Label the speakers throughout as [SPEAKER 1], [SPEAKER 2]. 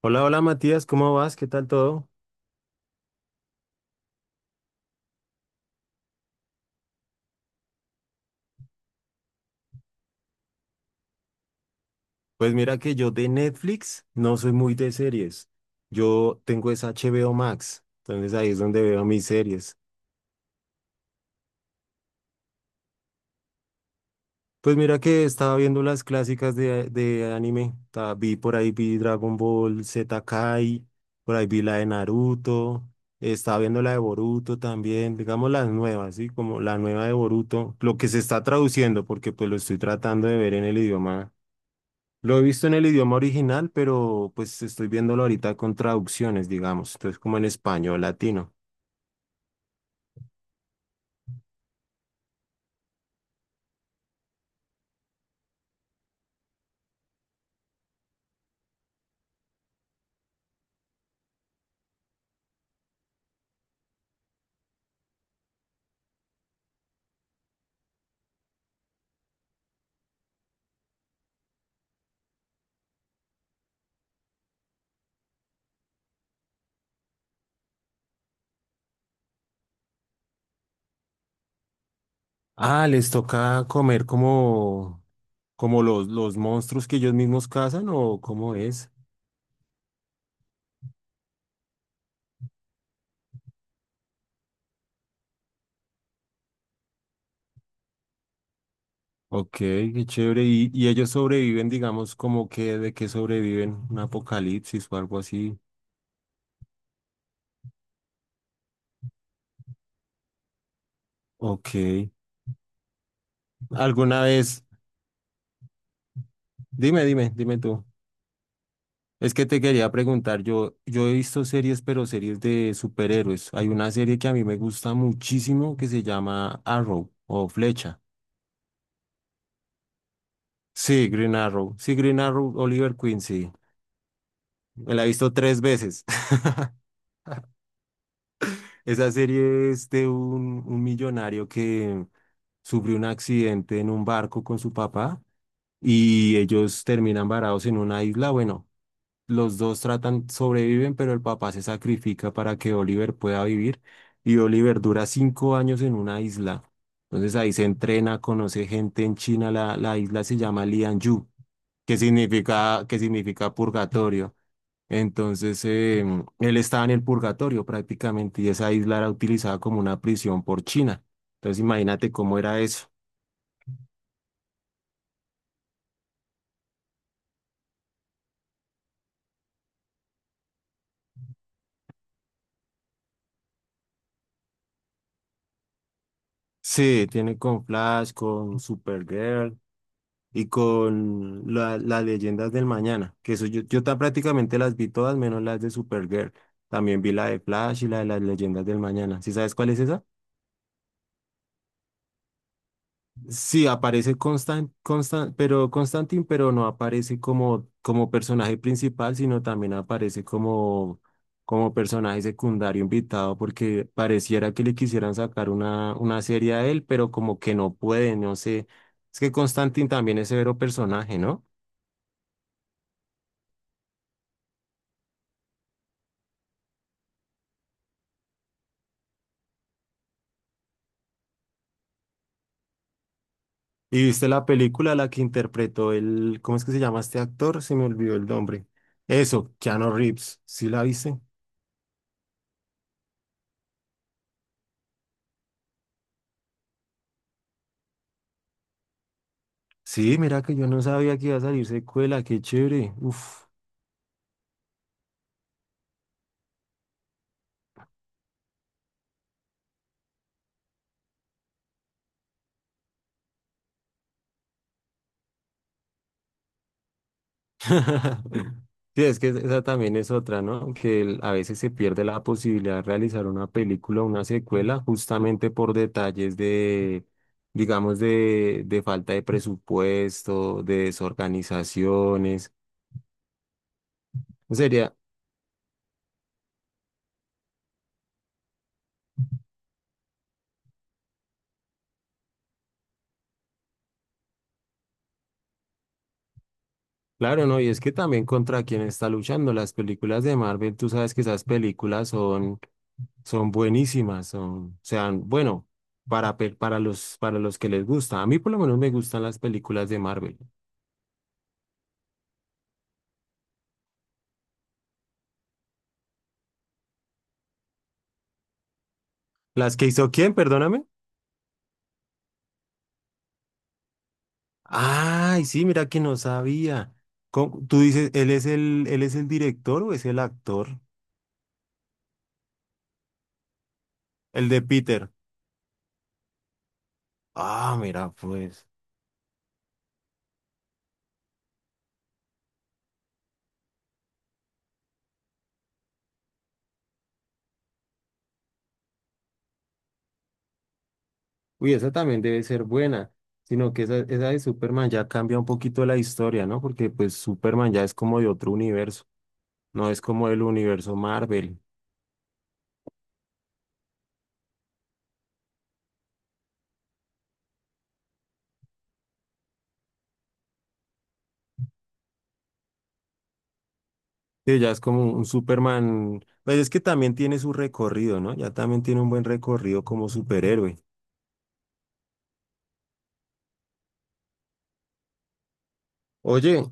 [SPEAKER 1] Hola, hola Matías, ¿cómo vas? ¿Qué tal todo? Pues mira que yo de Netflix no soy muy de series. Yo tengo esa HBO Max, entonces ahí es donde veo mis series. Pues mira que estaba viendo las clásicas de anime. Vi por ahí vi Dragon Ball Z Kai, por ahí vi la de Naruto, estaba viendo la de Boruto también, digamos las nuevas, ¿sí? Como la nueva de Boruto, lo que se está traduciendo, porque pues lo estoy tratando de ver en el idioma. Lo he visto en el idioma original, pero pues estoy viéndolo ahorita con traducciones, digamos. Entonces, como en español, latino. Ah, ¿les toca comer como, como los monstruos que ellos mismos cazan o cómo es? Ok, qué chévere. Y ellos sobreviven, digamos, como que de que sobreviven un apocalipsis o algo así. Ok. ¿Alguna vez? Dime, dime, dime tú. Es que te quería preguntar, yo he visto series, pero series de superhéroes. Hay una serie que a mí me gusta muchísimo que se llama Arrow o Flecha. Sí, Green Arrow. Sí, Green Arrow, Oliver Queen, sí. Me la he visto 3 veces. Esa serie es de un millonario que sufrió un accidente en un barco con su papá y ellos terminan varados en una isla. Bueno, los dos tratan, sobreviven, pero el papá se sacrifica para que Oliver pueda vivir y Oliver dura 5 años en una isla. Entonces ahí se entrena, conoce gente en China, la isla se llama Lianyu, que significa purgatorio. Entonces él estaba en el purgatorio prácticamente y esa isla era utilizada como una prisión por China. Entonces imagínate cómo era eso. Sí, tiene con Flash, con Supergirl, y con las leyendas del mañana, que eso yo, prácticamente las vi todas, menos las de Supergirl. También vi la de Flash y la de las leyendas del mañana. ¿Sí sabes cuál es esa? Sí, aparece Constan, Constan, pero Constantine, pero no aparece como, como personaje principal, sino también aparece como, como personaje secundario invitado, porque pareciera que le quisieran sacar una serie a él, pero como que no puede, no sé. Es que Constantine también es severo personaje, ¿no? ¿Y viste la película la que interpretó el, ¿cómo es que se llama este actor? Se me olvidó el nombre. Eso, Keanu Reeves. ¿Sí la viste? Sí, mira que yo no sabía que iba a salir secuela, qué chévere. Uf. Sí, es que esa también es otra, ¿no? Que el- a veces se pierde la posibilidad de realizar una película, una secuela, justamente por detalles de, digamos, de falta de presupuesto, de desorganizaciones. Sería, claro, no, y es que también contra quien está luchando las películas de Marvel, tú sabes que esas películas son, son buenísimas, son, o sea, bueno, para, para los que les gusta. A mí por lo menos me gustan las películas de Marvel. ¿Las que hizo quién, perdóname? Ay, sí, mira que no sabía. Tú dices, él es el director o es el actor? El de Peter. Ah, mira, pues. Uy, esa también debe ser buena, sino que esa de Superman ya cambia un poquito la historia, ¿no? Porque pues Superman ya es como de otro universo, no es como el universo Marvel. Sí, ya es como un Superman, pues es que también tiene su recorrido, ¿no? Ya también tiene un buen recorrido como superhéroe. Oye,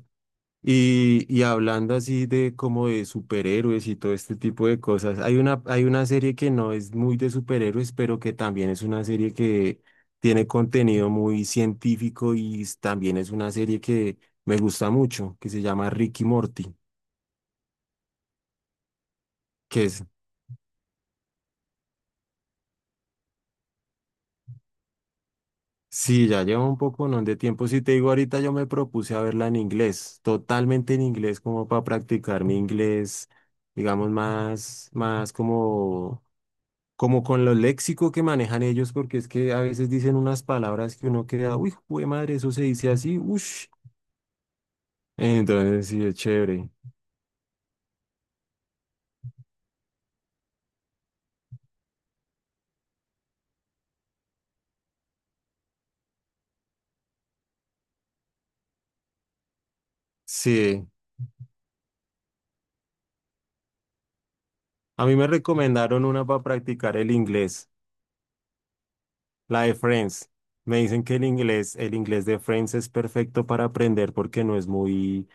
[SPEAKER 1] y hablando así de como de superhéroes y todo este tipo de cosas, hay una serie que no es muy de superhéroes, pero que también es una serie que tiene contenido muy científico y también es una serie que me gusta mucho, que se llama Ricky Morty, que es, sí, ya lleva un poco, ¿no? de tiempo. Si te digo ahorita, yo me propuse a verla en inglés, totalmente en inglés, como para practicar mi inglés, digamos, más como como con lo léxico que manejan ellos, porque es que a veces dicen unas palabras que uno queda, uy, jue madre, eso se dice así, ush. Entonces, sí, es chévere. Sí, a mí me recomendaron una para practicar el inglés. La de Friends. Me dicen que el inglés de Friends es perfecto para aprender porque no es muy,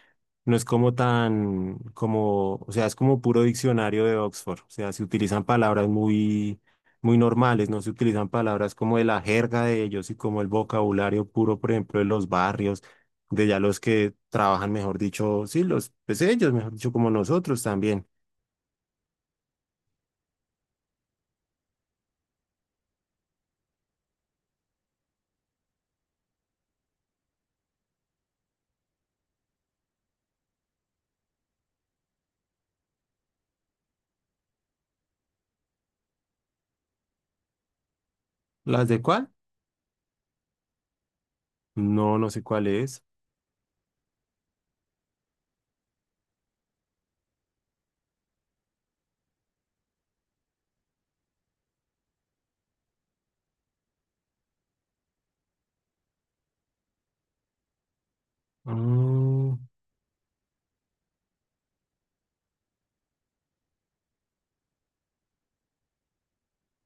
[SPEAKER 1] no es como tan, como, o sea, es como puro diccionario de Oxford. O sea, se utilizan palabras muy, muy normales, no se utilizan palabras como de la jerga de ellos y como el vocabulario puro, por ejemplo, de los barrios, de ya los que trabajan, mejor dicho, sí, los, pues ellos, mejor dicho, como nosotros también. ¿Las de cuál? No, no sé cuál es. Mm,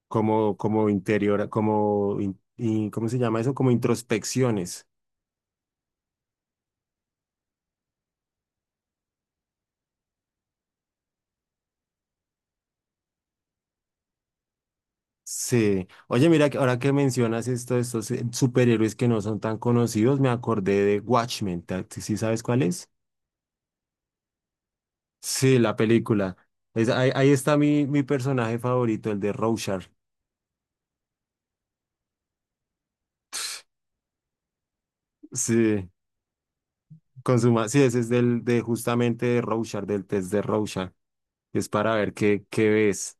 [SPEAKER 1] como, como interior, como, ¿cómo se llama eso? Como introspecciones. Sí. Oye, mira, que ahora que mencionas esto, estos superhéroes que no son tan conocidos, me acordé de Watchmen. ¿Sí sabes cuál es? Sí, la película. Ahí, ahí está mi, mi personaje favorito, el de Rorschach. Sí, con sí, ese es del, de justamente de Rorschach, del test de Rorschach. Es para ver qué, qué ves.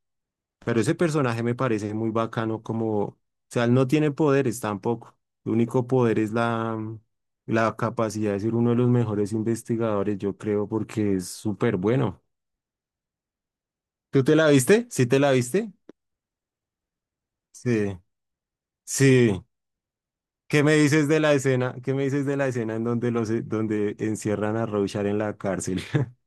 [SPEAKER 1] Pero ese personaje me parece muy bacano como, o sea, él no tiene poderes tampoco. El único poder es la, la capacidad de ser uno de los mejores investigadores, yo creo, porque es súper bueno. ¿Tú te la viste? ¿Sí te la viste? Sí, sí. ¿Qué me dices de la escena? ¿Qué me dices de la escena en donde los, donde encierran a Rorschach en la cárcel?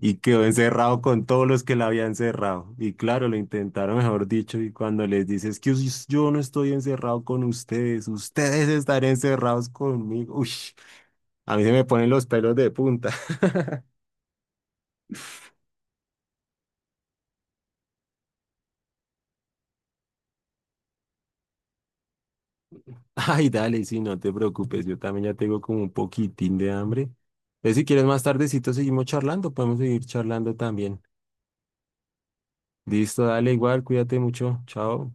[SPEAKER 1] Y quedó encerrado con todos los que la habían cerrado. Y claro, lo intentaron, mejor dicho, y cuando les dices que yo no estoy encerrado con ustedes, ustedes están encerrados conmigo. Uy, a mí se me ponen los pelos de punta. Ay, dale, sí, no te preocupes, yo también ya tengo como un poquitín de hambre. Entonces, si quieres más tardecito seguimos charlando, podemos seguir charlando también. Listo, dale igual, cuídate mucho, chao.